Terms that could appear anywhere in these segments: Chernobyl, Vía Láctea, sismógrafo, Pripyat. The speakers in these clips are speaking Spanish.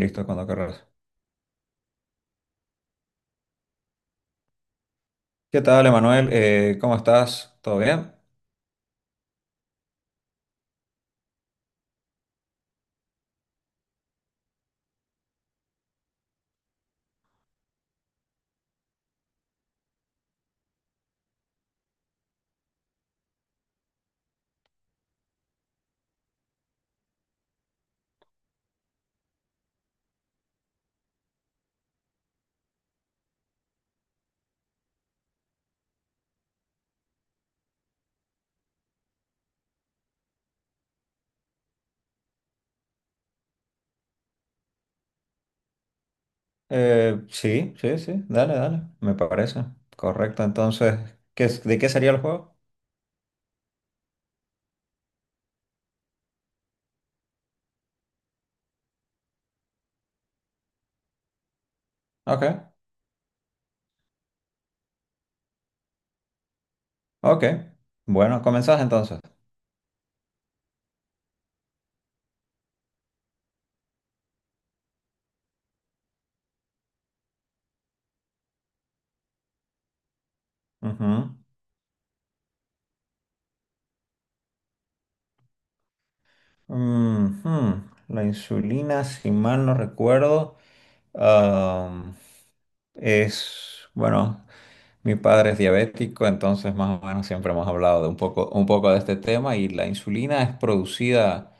Listo, cuando querrás. ¿Qué tal, Emanuel? ¿Cómo estás? ¿Todo bien? Sí, sí, sí. Dale, dale. Me parece. Correcto. Entonces, ¿ de qué sería el juego? Ok, ok. Bueno, comenzás entonces. Ujú. Ujú. La insulina, si mal no recuerdo, am, es, bueno, mi padre es diabético, entonces más o menos siempre hemos hablado de un poco de este tema y la insulina es producida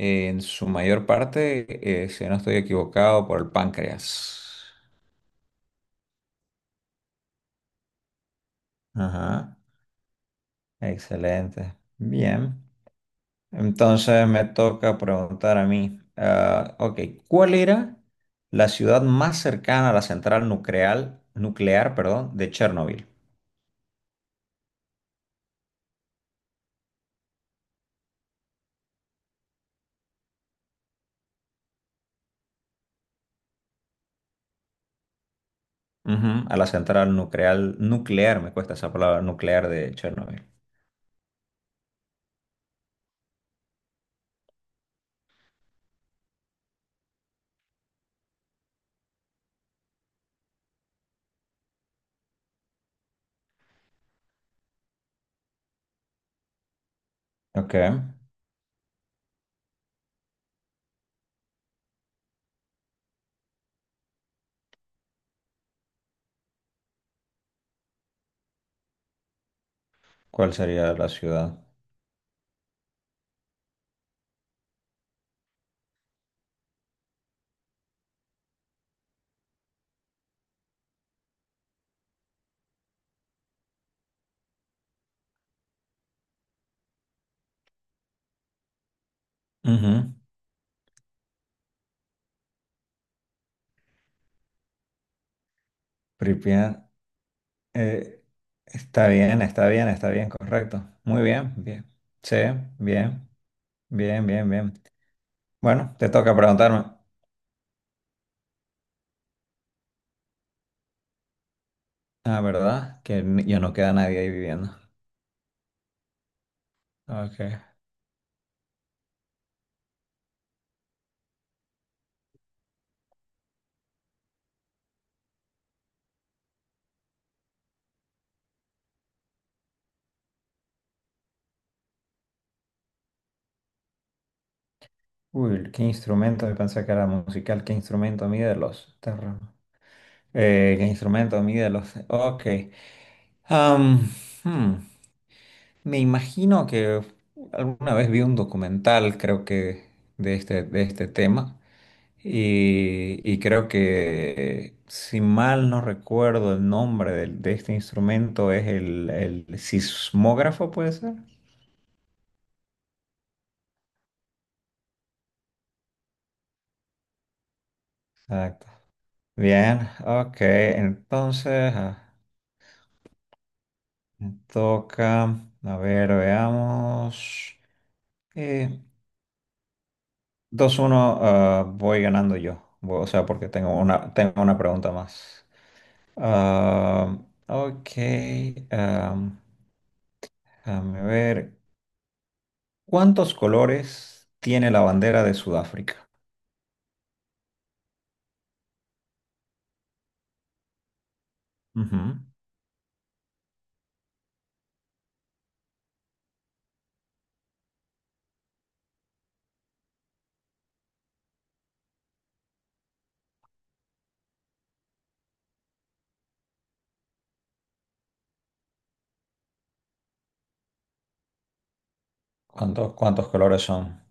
En su mayor parte, si no estoy equivocado, por el páncreas. Ajá, excelente. Bien. Entonces me toca preguntar a mí. Ah, ok, ¿cuál era la ciudad más cercana a la central nuclear, perdón, de Chernobyl? Ujú, a la central nuclear, me cuesta esa palabra, nuclear de Chernobyl. Ok, ¿cuál sería la ciudad? Ujú, Pripyat. Eh, Está bien, está bien, está bien, correcto. Muy bien, bien. Sí, bien, bien, bien, bien. Bueno, te toca preguntarme. Ah, ¿verdad? Ya no queda nadie ahí viviendo. Ok. Uy, ¿qué instrumento? Yo pensé que era musical. ¿Qué instrumento mide los terremotos? ¿Qué instrumento mide los...? Ok. Am, hmm, Me imagino que alguna vez vi un documental, de este tema. Y creo que, si mal no recuerdo el nombre de este instrumento, es el sismógrafo, ¿puede ser? Exacto. Bien, ok, entonces. Me toca, a ver, veamos. Eh, 2-1, ah, voy ganando yo, o sea, porque tengo una pregunta más. Ah, ok, ah, déjame ver. ¿Cuántos colores tiene la bandera de Sudáfrica? Ujú. ¿Cuántos, cuántos colores son?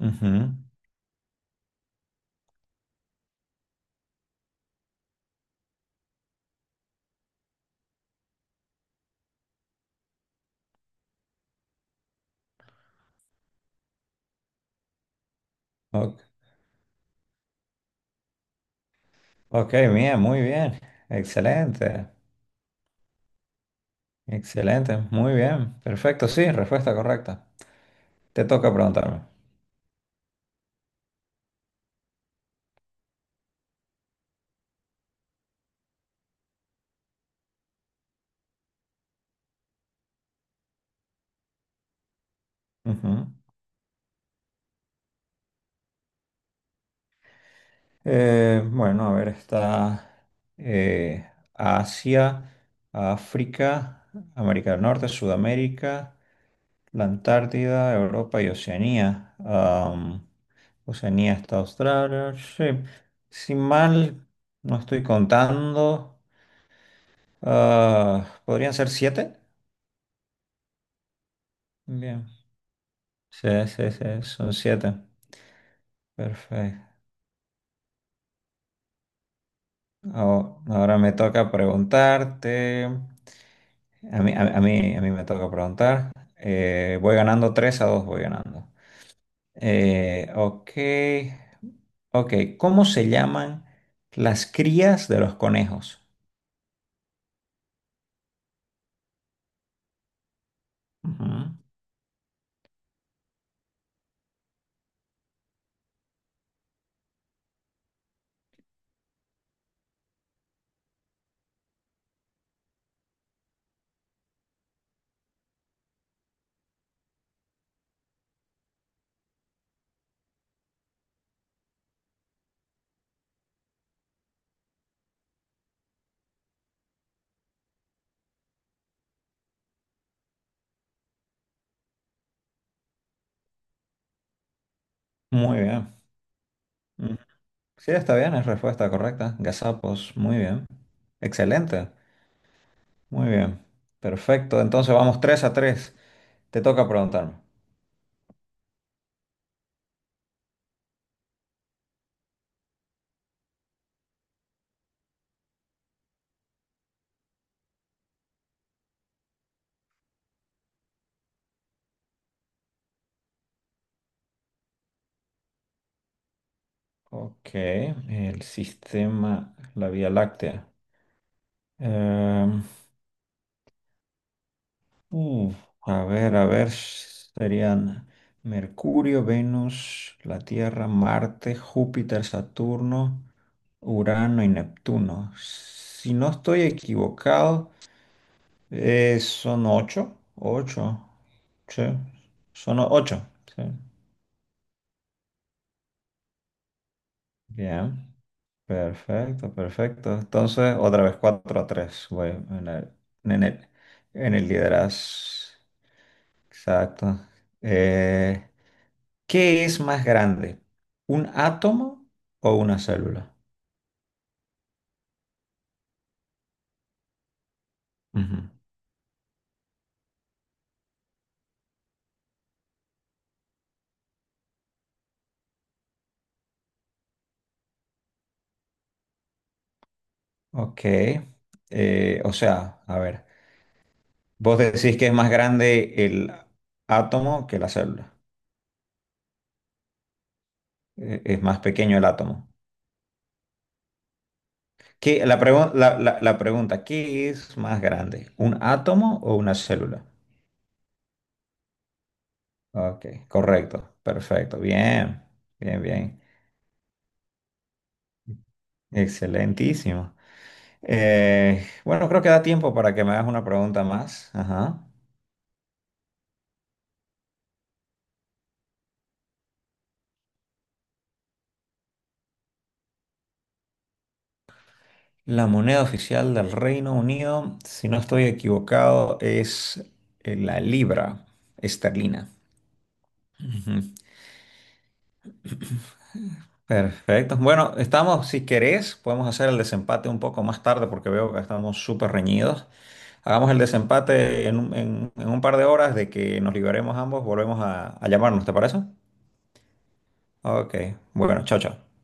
Ujú. Ok, ok, bien, muy bien. Excelente, excelente, muy bien. Perfecto, sí, respuesta correcta. Te toca preguntarme. Ujú. Bueno, a ver, está Asia, África, América del Norte, Sudamérica, la Antártida, Europa y Oceanía. Oceanía está Australia. Sí. Si mal no estoy contando, ah, ¿podrían ser siete? Bien. Sí, sí, sí, son siete. Perfecto. Ahora me toca preguntarte. A mí me toca preguntar. Voy ganando 3 a 2, voy ganando. Ok. Ok, ¿cómo se llaman las crías de los conejos? Ujú. Muy bien. Ujú. Sí, está bien, es respuesta correcta. Gazapos, muy bien. Excelente. Muy bien. Perfecto. Entonces vamos 3 a 3. Te toca preguntarme. Ok, el sistema, la Vía Láctea. Em, Uf, a ver, a ver, serían Mercurio, Venus, la Tierra, Marte, Júpiter, Saturno, Urano y Neptuno. Si no estoy equivocado, son ocho, ocho, sí, ocho, sí. Bien, perfecto, perfecto. Entonces, otra vez cuatro a tres, voy en el, en el liderazgo. Exacto. Eh, ¿Qué es más grande? ¿Un átomo o una célula? Ujú. Ok. O sea, a ver, vos decís que es más grande el átomo que la célula. Es más pequeño el átomo. La pregunta, ¿qué es más grande? ¿Un átomo o una célula? Ok, correcto, perfecto, bien, bien, bien, excelentísimo. Bueno, creo que da tiempo para que me hagas una pregunta más. Ajá. La moneda oficial del Reino Unido, si no estoy equivocado, es la libra esterlina. Ujú. Perfecto. Bueno, estamos, si querés, podemos hacer el desempate un poco más tarde porque veo que estamos súper reñidos. Hagamos el desempate en en un par de horas. De que nos liberemos ambos, volvemos a llamarnos, ¿te parece? Ok, bueno, chao, chao.